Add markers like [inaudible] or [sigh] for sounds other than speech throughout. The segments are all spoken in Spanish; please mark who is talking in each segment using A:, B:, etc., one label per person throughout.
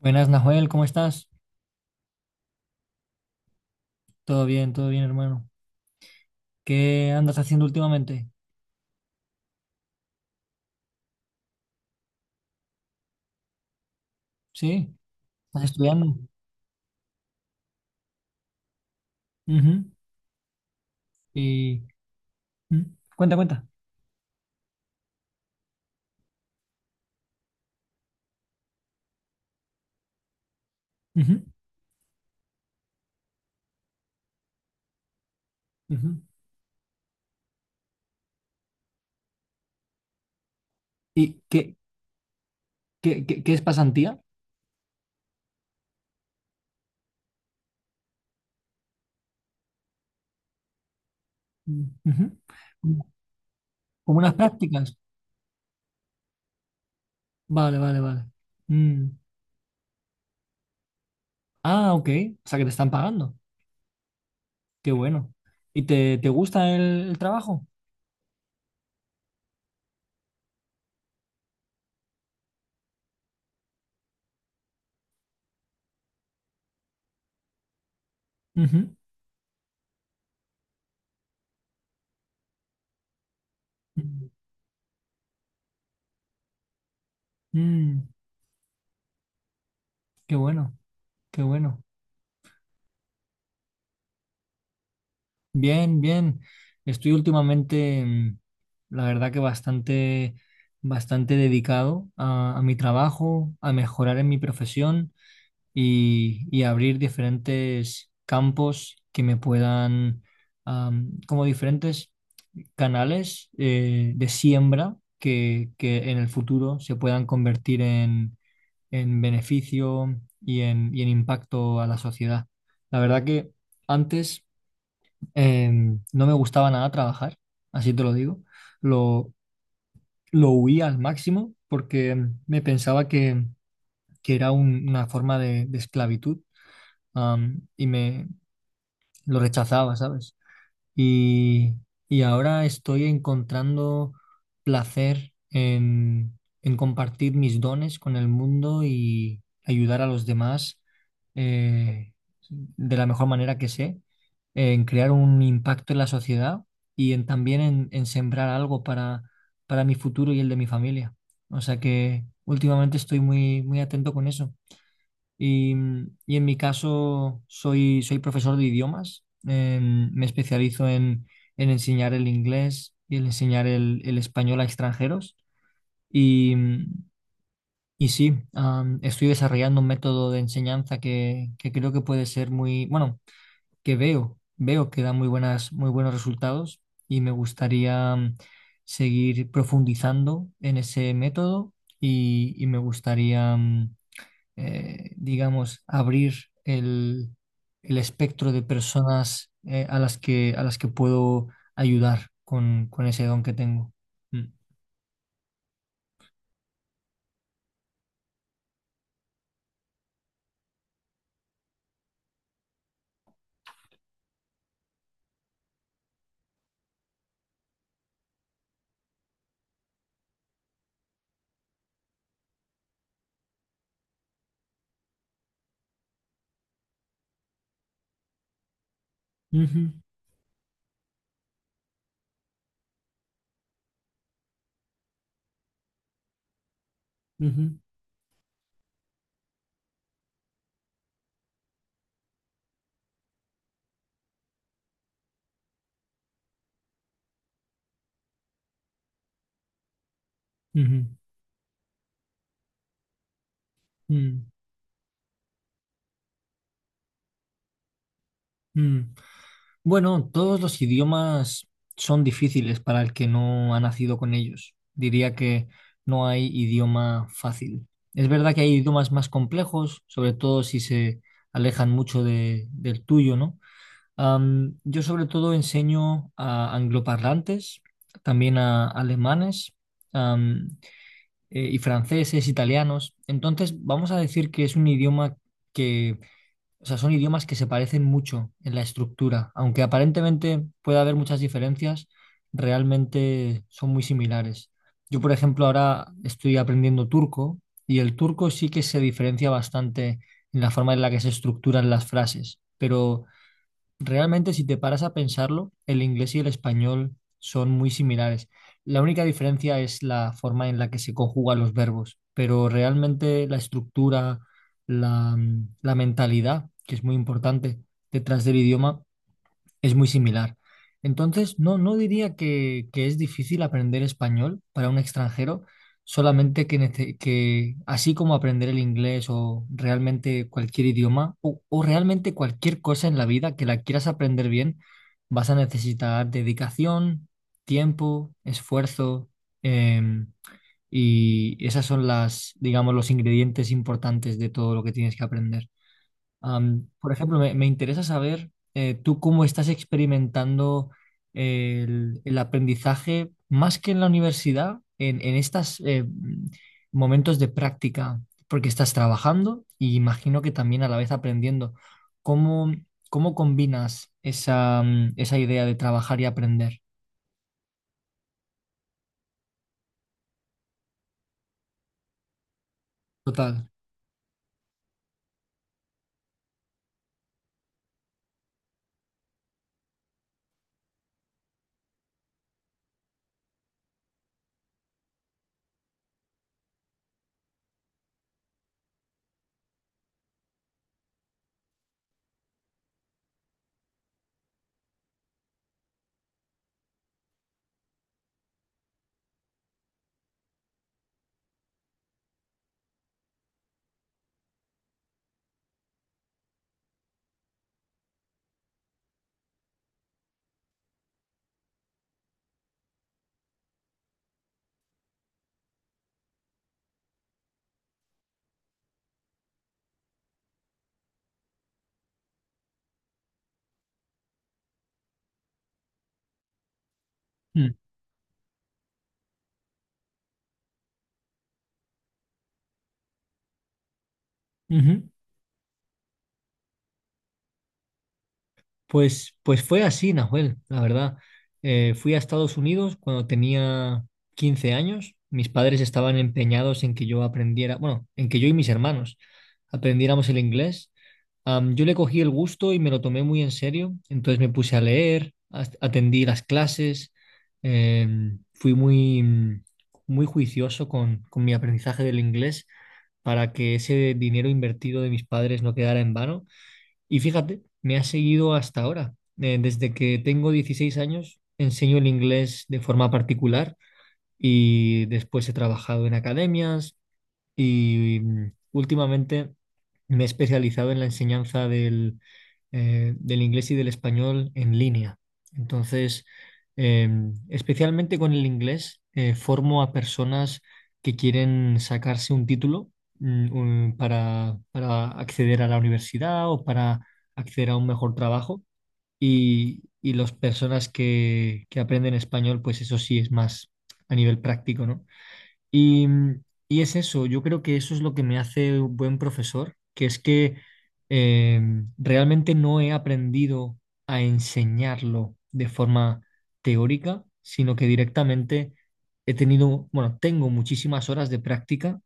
A: Buenas, Nahuel, ¿cómo estás? Todo bien, hermano. ¿Qué andas haciendo últimamente? ¿Sí? ¿Estás estudiando? Ujú. Y mm, Cuenta, cuenta. Ujú, ujú. ¿Y qué es pasantía? Mm, ujú. Como como unas prácticas. Vale, vale, vale. Mm. Ah, ok. O sea que te están pagando. Qué bueno. ¿Y te gusta el trabajo? Ujú. Mm, qué bueno, qué bueno. Bien, bien. Estoy últimamente, la verdad que bastante, bastante dedicado a mi trabajo, a mejorar en mi profesión y abrir diferentes campos que me puedan, como diferentes canales de siembra que en el futuro se puedan convertir en beneficio y en impacto a la sociedad. La verdad que antes no me gustaba nada trabajar, así te lo digo. Lo, lo huía al máximo porque me pensaba que era una forma de esclavitud, y me lo rechazaba, ¿sabes? Y, y ahora estoy encontrando placer en compartir mis dones con el mundo y ayudar a los demás eh, de la mejor manera que sé, en crear un impacto en la sociedad y en, también en sembrar algo para mi futuro y el de mi familia. O sea que últimamente estoy muy, muy atento con eso. Y, y en mi caso soy, soy profesor de idiomas. Me especializo en enseñar el inglés y en enseñar el español a extranjeros. Y, y sí, estoy desarrollando un método de enseñanza que creo que puede ser muy, bueno, que veo, veo que da muy buenas, muy buenos resultados y me gustaría seguir profundizando en ese método y me gustaría, digamos, abrir el, el espectro de personas a las que puedo ayudar con ese don que tengo. Mm. Ujú, ujú, ujú, mm, mm. Bueno, todos los idiomas son difíciles para el que no ha nacido con ellos. Diría que no hay idioma fácil. Es verdad que hay idiomas más complejos, sobre todo si se alejan mucho del tuyo, ¿no? Yo sobre todo enseño a angloparlantes, también a alemanes, am, y franceses, italianos. Entonces, vamos a decir que es un idioma que, o sea, son idiomas que se parecen mucho en la estructura. Aunque aparentemente pueda haber muchas diferencias, realmente son muy similares. Yo, por ejemplo, ahora estoy aprendiendo turco y el turco sí que se diferencia bastante en la forma en la que se estructuran las frases, pero realmente, si te paras a pensarlo, el inglés y el español son muy similares. La única diferencia es la forma en la que se conjugan los verbos, pero realmente la estructura, la mentalidad, que es muy importante detrás del idioma, es muy similar. Entonces, no, no diría que es difícil aprender español para un extranjero, solamente que así como aprender el inglés o realmente cualquier idioma o realmente cualquier cosa en la vida que la quieras aprender bien, vas a necesitar dedicación, tiempo, esfuerzo, em, y esas son las, digamos, los ingredientes importantes de todo lo que tienes que aprender. Por ejemplo, me interesa saber tú cómo estás experimentando el aprendizaje, más que en la universidad, en estos momentos de práctica, porque estás trabajando y imagino que también a la vez aprendiendo. ¿Cómo, cómo combinas esa idea de trabajar y aprender? Total. Mm. Ujú. Pues, pues fue así, Nahuel, la verdad. Fui a Estados Unidos cuando tenía 15 años. Mis padres estaban empeñados en que yo aprendiera, bueno, en que yo y mis hermanos aprendiéramos el inglés. Yo le cogí el gusto y me lo tomé muy en serio. Entonces me puse a leer, atendí las clases, fui muy juicioso con mi aprendizaje del inglés para que ese dinero invertido de mis padres no quedara en vano. Y fíjate, me ha seguido hasta ahora. Desde que tengo 16 años, enseño el inglés de forma particular y después he trabajado en academias, y últimamente me he especializado en la enseñanza del inglés y del español en línea. Entonces, eh, especialmente con el inglés, formo a personas que quieren sacarse un título para acceder a la universidad o para acceder a un mejor trabajo. Y las personas que aprenden español, pues eso sí es más a nivel práctico, ¿no? Y, mm, y es eso, yo creo que eso es lo que me hace un buen profesor, que es que eh, realmente no he aprendido a enseñarlo de forma teórica, sino que directamente he tenido, bueno, tengo muchísimas horas de práctica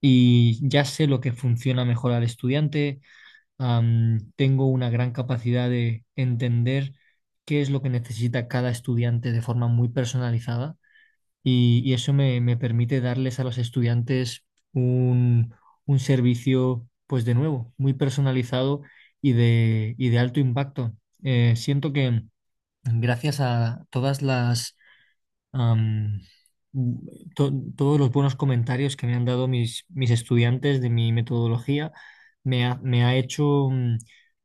A: y ya sé lo que funciona mejor al estudiante, tengo una gran capacidad de entender qué es lo que necesita cada estudiante de forma muy personalizada y eso me, me permite darles a los estudiantes un, un servicio, pues de nuevo, muy personalizado y de alto impacto. Siento que gracias a todas am, todos los buenos comentarios que me han dado mis, mis estudiantes de mi metodología me ha, me ha hecho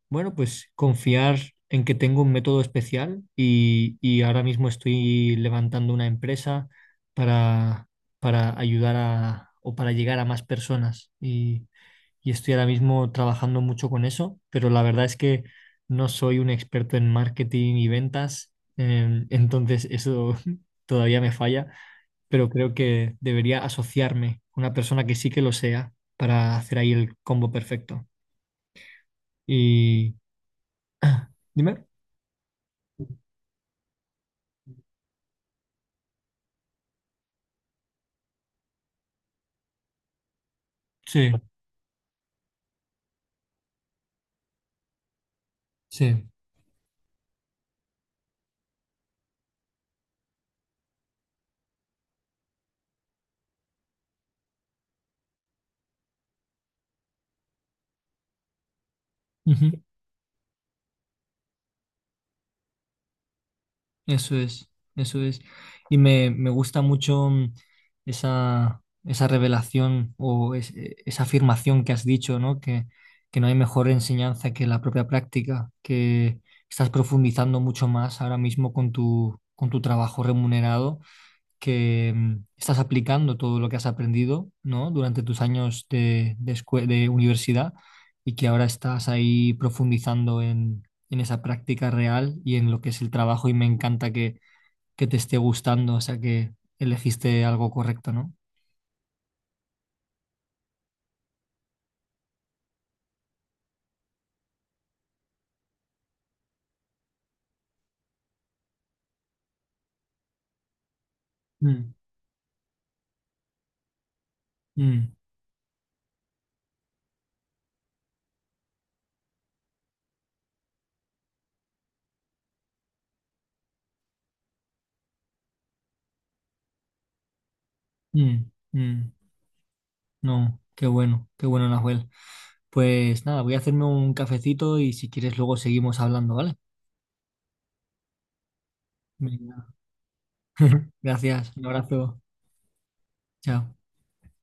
A: bueno, pues confiar en que tengo un método especial y ahora mismo estoy levantando una empresa para, para ayudar a, o para llegar a más personas. Y estoy ahora mismo trabajando mucho con eso, pero la verdad es que no soy un experto en marketing y ventas, entonces eso [laughs] todavía me falla, pero creo que debería asociarme con una persona que sí que lo sea para hacer ahí el combo perfecto. Y... [clears throat] Dime. Sí, sí. Ujú. Eso es, eso es. Y me gusta mucho esa, esa esa afirmación que has dicho, ¿no? Que no hay mejor enseñanza que la propia práctica, que estás profundizando mucho más ahora mismo con tu trabajo remunerado que estás aplicando todo lo que has aprendido, ¿no? Durante tus años de universidad y que ahora estás ahí profundizando en esa práctica real y en lo que es el trabajo y me encanta que te esté gustando, o sea que elegiste algo correcto, ¿no? Mm, mm, mm, mm. No, qué bueno, Nahuel. Pues nada, voy a hacerme un cafecito y si quieres luego seguimos hablando, ¿vale? Venga. [laughs] Gracias, un abrazo. Chao.